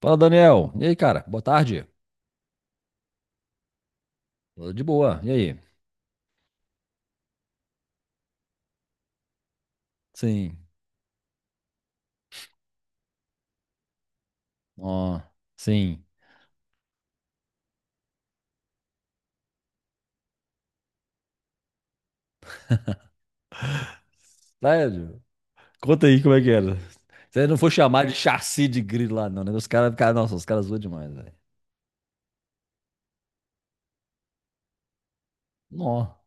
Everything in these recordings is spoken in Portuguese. Fala, Daniel. E aí, cara? Boa tarde. Tudo de boa. E aí? Sim. Ó, sim. Sério? Conta aí como é que era. Você não foi chamar de chassi de grilo lá, não, né? Os caras ficaram, nossa, os caras zoam demais, velho. Nó.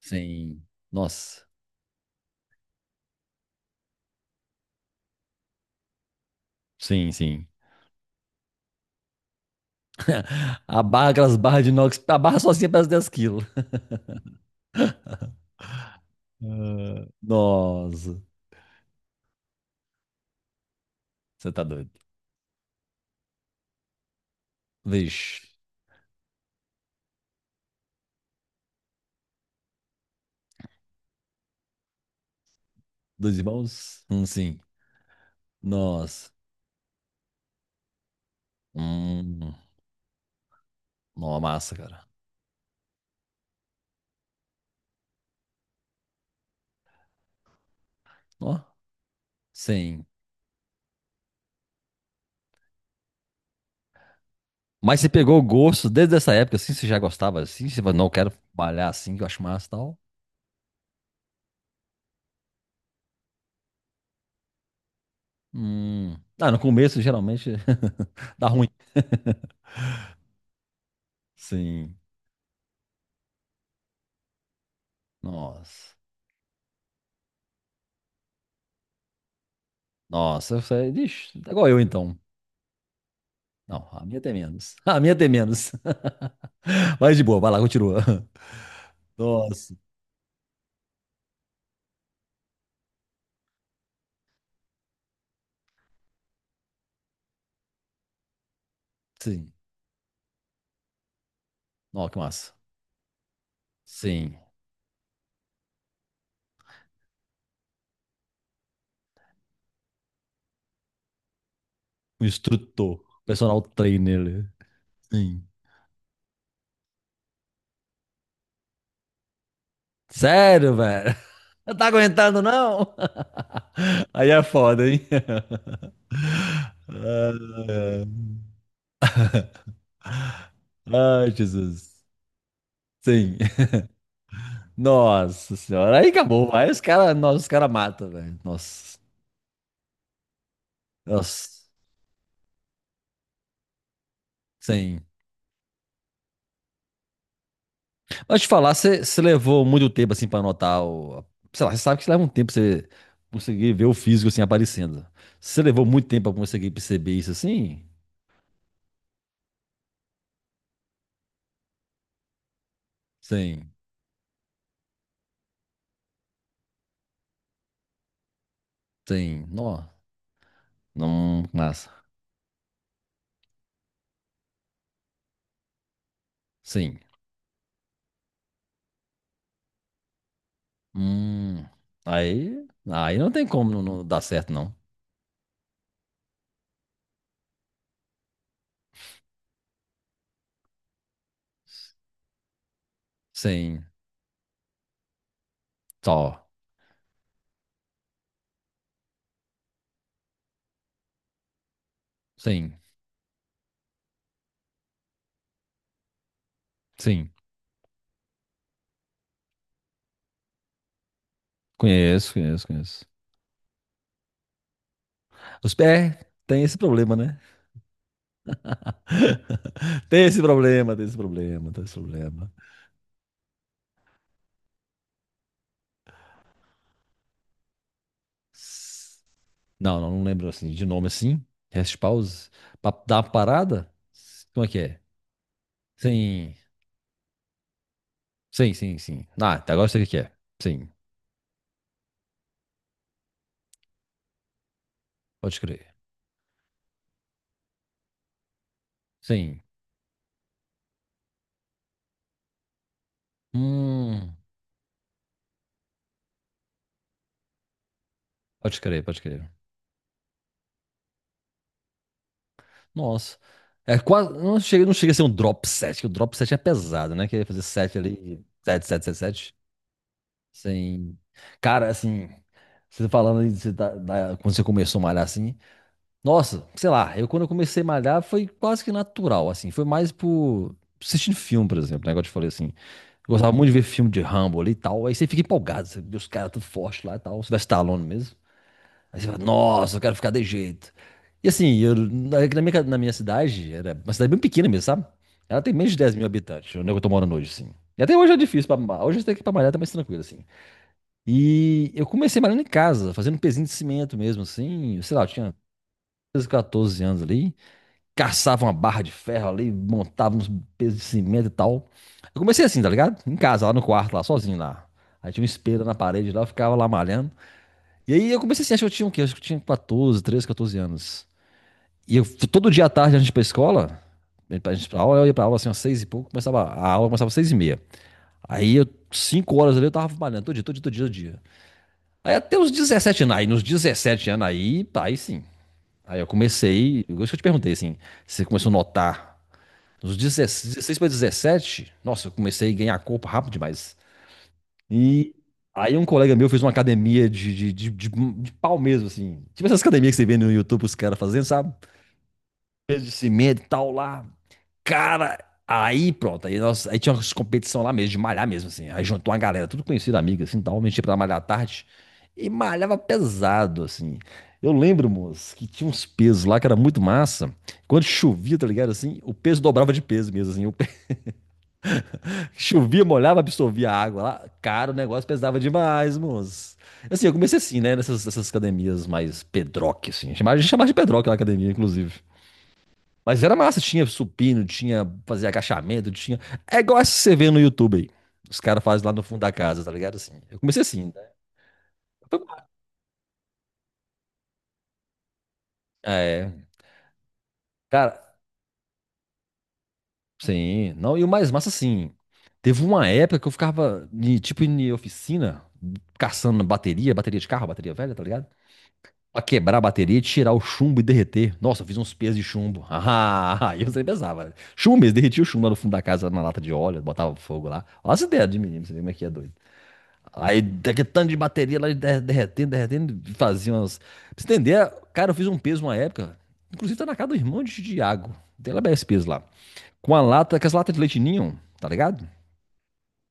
Sim. Nossa. Sim, sim. A barra, aquelas barras de inox, a barra sozinha pesa 10 quilos. Ah, nossa. Você tá doido. Vixe. Dois irmãos? Sim. Nossa. Hum. Nó, massa, cara. Nó. Sim. Mas você pegou o gosto desde essa época, assim, você já gostava assim? Você falou, não, eu quero trabalhar assim, que eu acho massa e tal. Hum. Ah, no começo, geralmente, dá ruim. Sim. Nossa. Nossa, eu falei, ixi, tá igual eu então. Não, a minha tem menos. A minha tem menos. Mas de boa, vai lá, continua. Nossa. Sim. Ó, que massa. Sim. O instrutor, personal trainer. Sim. Sério, velho? Não tá aguentando, não? Aí é foda, hein? Ai, ai, Jesus. Sim. Nossa senhora. Aí acabou. Aí os caras, nós, os caras matam, velho. Nossa. Nossa. Sim. Mas te falar, você levou muito tempo assim pra anotar o. Sei lá, você sabe que leva um tempo pra você conseguir ver o físico assim aparecendo. Você levou muito tempo pra conseguir perceber isso assim? Sim. Sim. Não. Não. Massa. Sim. Hum, aí, aí não tem como não dar certo, não. Sim, só. Sim, sim. Conheço, conheço, conheço. Os pés tem esse problema, né? Tem esse problema, tem esse problema, tem esse problema. S- Não, não, não lembro assim, de nome assim. Rest pause. Pra dar uma parada? Como é que é? Sim, sim, sim, sim. Ah, até agora eu sei o que que é. Sim, pode crer. Sim. Hum, pode crer, pode crer. Nossa. É quase. Não chega, não chega a ser um drop set, que o drop set é pesado, né? Que é fazer sete ali, 7 7 7 7. Sem. Cara, assim. Você tá falando aí, quando você começou a malhar assim. Nossa, sei lá, eu quando eu comecei a malhar foi quase que natural, assim. Foi mais por. Assistindo filme, por exemplo, né? Igual eu te falei assim. Eu gostava muito de ver filme de Rambo ali e tal. Aí você fica empolgado, você vê os caras tudo forte lá e tal. Você vai Stallone mesmo. Aí você fala, nossa, eu quero ficar de jeito. E assim, na minha cidade, era uma cidade bem pequena mesmo, sabe? Ela tem menos de 10 mil habitantes, onde é que eu tô morando hoje, assim. E até hoje é difícil pra malhar. Hoje até que pra malhar tá mais tranquilo, assim. E eu comecei malhando em casa, fazendo um pezinho de cimento mesmo, assim. Sei lá, eu tinha 13 14 anos ali. Caçava uma barra de ferro ali, montava uns pesos de cimento e tal. Eu comecei assim, tá ligado? Em casa, lá no quarto, lá, sozinho lá. Aí tinha um espelho na parede lá, eu ficava lá malhando. E aí eu comecei assim, acho que eu tinha o quê? Acho que eu tinha 14 13, 14 anos. E eu, todo dia à tarde, a gente ia pra escola, a gente pra aula, eu ia pra aula assim, às seis e pouco, a aula começava às 6h30. Aí eu, 5 horas ali, eu tava trabalhando todo dia, todo dia, todo dia, todo dia. Aí até os 17 anos, aí nos 17 anos aí, aí sim. Aí eu comecei, eu acho que eu te perguntei assim, você começou a notar, nos 16 para 17, nossa, eu comecei a ganhar corpo rápido demais. E aí um colega meu fez uma academia de pau mesmo, assim. Tipo essas academias que você vê no YouTube os caras fazendo, sabe? Peso de cimento e tal lá. Cara, aí pronto. Aí tinha umas competição lá mesmo, de malhar mesmo, assim. Aí juntou uma galera, tudo conhecido, amiga, assim, tal. A pra malhar à tarde e malhava pesado, assim. Eu lembro, moço, que tinha uns pesos lá que era muito massa. Quando chovia, tá ligado? Assim, o peso dobrava de peso mesmo, assim. Chovia, molhava, absorvia a água lá. Cara, o negócio pesava demais, moço. Assim, eu comecei assim, né? Nessas academias mais pedroque, assim. A gente chamava de pedroque lá a academia, inclusive. Mas era massa, tinha supino, tinha fazer agachamento, tinha. É igual essa que você vê no YouTube aí. Os caras fazem lá no fundo da casa, tá ligado? Assim, eu comecei assim, né? Foi bom. É, cara, sim. Não, e o mais massa, assim, teve uma época que eu ficava, tipo, em oficina, caçando bateria, bateria de carro, bateria velha, tá ligado? Pra quebrar a bateria, tirar o chumbo e derreter. Nossa, eu fiz uns pesos de chumbo. Ah, eu sempre pesava, né? Chumbo, eles derretiam o chumbo lá no fundo da casa, na lata de óleo, botava fogo lá. Olha as ideias de menino, você vê como é que é doido. Aí, daquele tanto de bateria lá, derretendo, derretendo, fazia umas... Pra você entender, cara, eu fiz um peso uma época, inclusive tá na casa do irmão de Diago. Tem lá bem esse peso lá. Com as latas de leite ninho, tá ligado?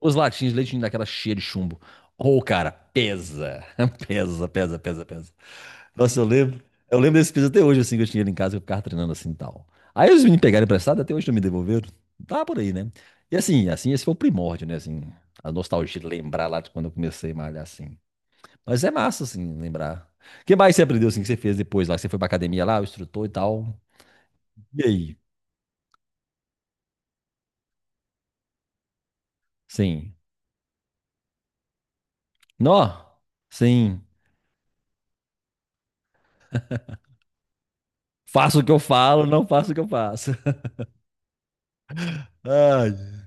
Os latinhos de leite ninho daquela cheia de chumbo. Ô, cara, pesa. Pesa, pesa, pesa, pesa. Nossa, eu lembro. Eu lembro desse piso até hoje, assim, que eu tinha ele em casa, que eu ficava treinando assim e tal. Aí os meninos pegaram emprestado, até hoje não me devolveram. Tá por aí, né? E assim, assim, esse foi o primórdio, né? Assim, a nostalgia de lembrar lá de quando eu comecei a malhar, assim. Mas é massa, assim, lembrar. O que mais você aprendeu, assim, que você fez depois lá? Você foi pra academia lá, o instrutor e tal. E aí? Sim. Nó? Sim. Faço o que eu falo, não faço o que eu faço. Ai,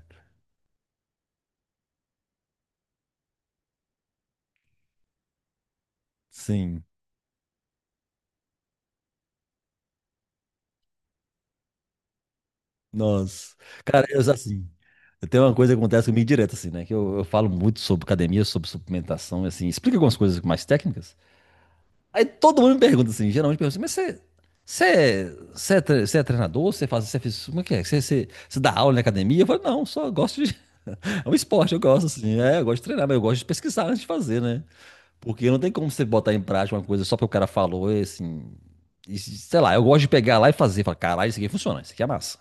sim. Nossa. Cara, eu sou assim. Eu tenho uma coisa que acontece comigo direto, assim, né? Que eu falo muito sobre academia, sobre suplementação, assim, explico algumas coisas mais técnicas. Aí todo mundo me pergunta assim, geralmente pergunta assim, mas você. Você é, você é treinador? Você faz, você fez, como é que é? Você dá aula na academia? Eu falo, não, só gosto de. É um esporte, eu gosto, assim. É, eu gosto de treinar, mas eu gosto de pesquisar antes de fazer, né? Porque não tem como você botar em prática uma coisa só porque o cara falou, e assim. E sei lá, eu gosto de pegar lá e fazer. Falar, caralho, isso aqui funciona, isso aqui é massa.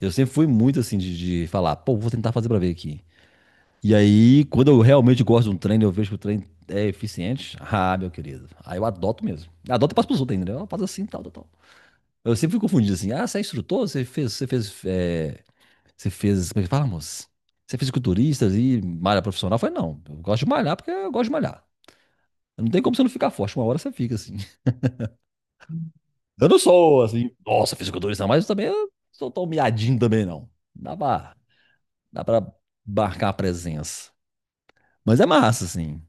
Eu sempre fui muito assim de falar, pô, vou tentar fazer pra ver aqui. E aí, quando eu realmente gosto de um treino, eu vejo que o treino é eficiente. Ah, meu querido. Aí eu adoto mesmo. Adoto e passo pros outros ainda, né? Eu faço assim, tal, tal, tal. Eu sempre fui confundido assim. Ah, você é instrutor? Você fez, como é que fala, moço? Você é fisiculturista e malha profissional? Eu falei, não, eu gosto de malhar porque eu gosto de malhar. Não tem como você não ficar forte. Uma hora você fica, assim. Eu não sou, assim, nossa, fisiculturista, mas eu também eu não sou tão miadinho também, não. Dá pra marcar a presença. Mas é massa, assim.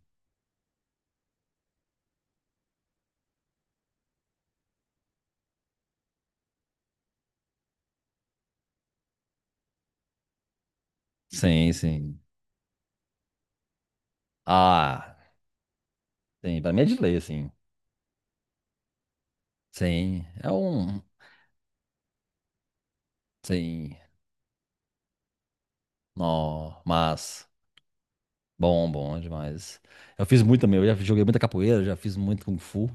Sim, sim. Ah, sim. Pra mim é de lei, assim. Sim. É um... Sim. Não, mas... Bom, bom demais. Eu fiz muito também. Eu já joguei muita capoeira, já fiz muito kung fu.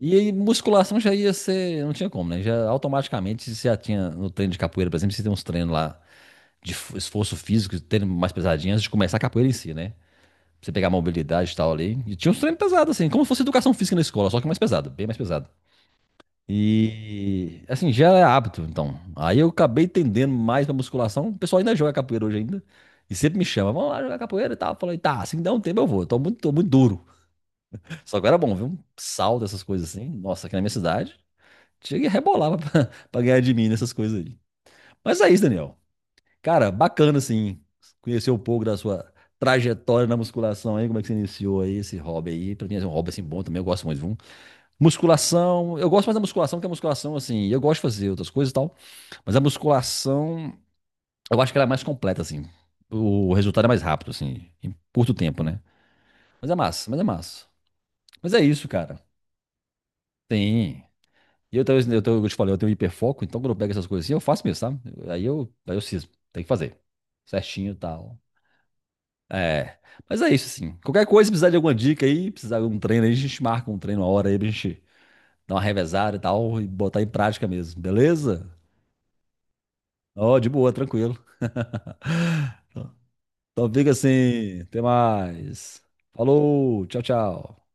E aí, musculação já ia ser... Não tinha como, né? Já automaticamente, se já tinha no treino de capoeira, por exemplo, você tem uns treinos lá de esforço físico, de mais pesadinho antes de começar a capoeira em si, né? Pra você pegar a mobilidade e tal ali. E tinha uns treinos pesados, assim, como se fosse educação física na escola, só que mais pesado, bem mais pesado. E assim, já é hábito, então. Aí eu acabei entendendo mais pra musculação. O pessoal ainda joga capoeira hoje ainda. E sempre me chama, vamos lá jogar capoeira e tal. Eu falei, tá, assim dá um tempo eu vou. Eu tô muito duro. Só que era bom, viu? Um salto, essas coisas assim. Nossa, aqui na minha cidade. Cheguei a rebolar pra, pra ganhar de mim nessas coisas aí. Mas é isso, Daniel. Cara, bacana assim, conhecer um pouco da sua trajetória na musculação aí, como é que você iniciou aí esse hobby aí. Pra mim assim, é um hobby assim bom também, eu gosto muito, viu? Musculação, eu gosto mais da musculação que a musculação assim, eu gosto de fazer outras coisas e tal, mas a musculação, eu acho que ela é mais completa assim. O resultado é mais rápido assim, em curto tempo, né? Mas é massa, mas é massa. Mas é isso, cara. Tem. E eu te falei, eu tenho hiperfoco, então quando eu pego essas coisas assim, eu faço mesmo, sabe? Aí eu cismo, tem que fazer. Certinho e tal. É, mas é isso, assim. Qualquer coisa, se precisar de alguma dica aí, precisar de um treino aí, a gente marca um treino uma hora aí pra gente dar uma revezada e tal e botar em prática mesmo, beleza? Ó, de boa, tranquilo. Então fica assim, até mais. Falou, tchau, tchau.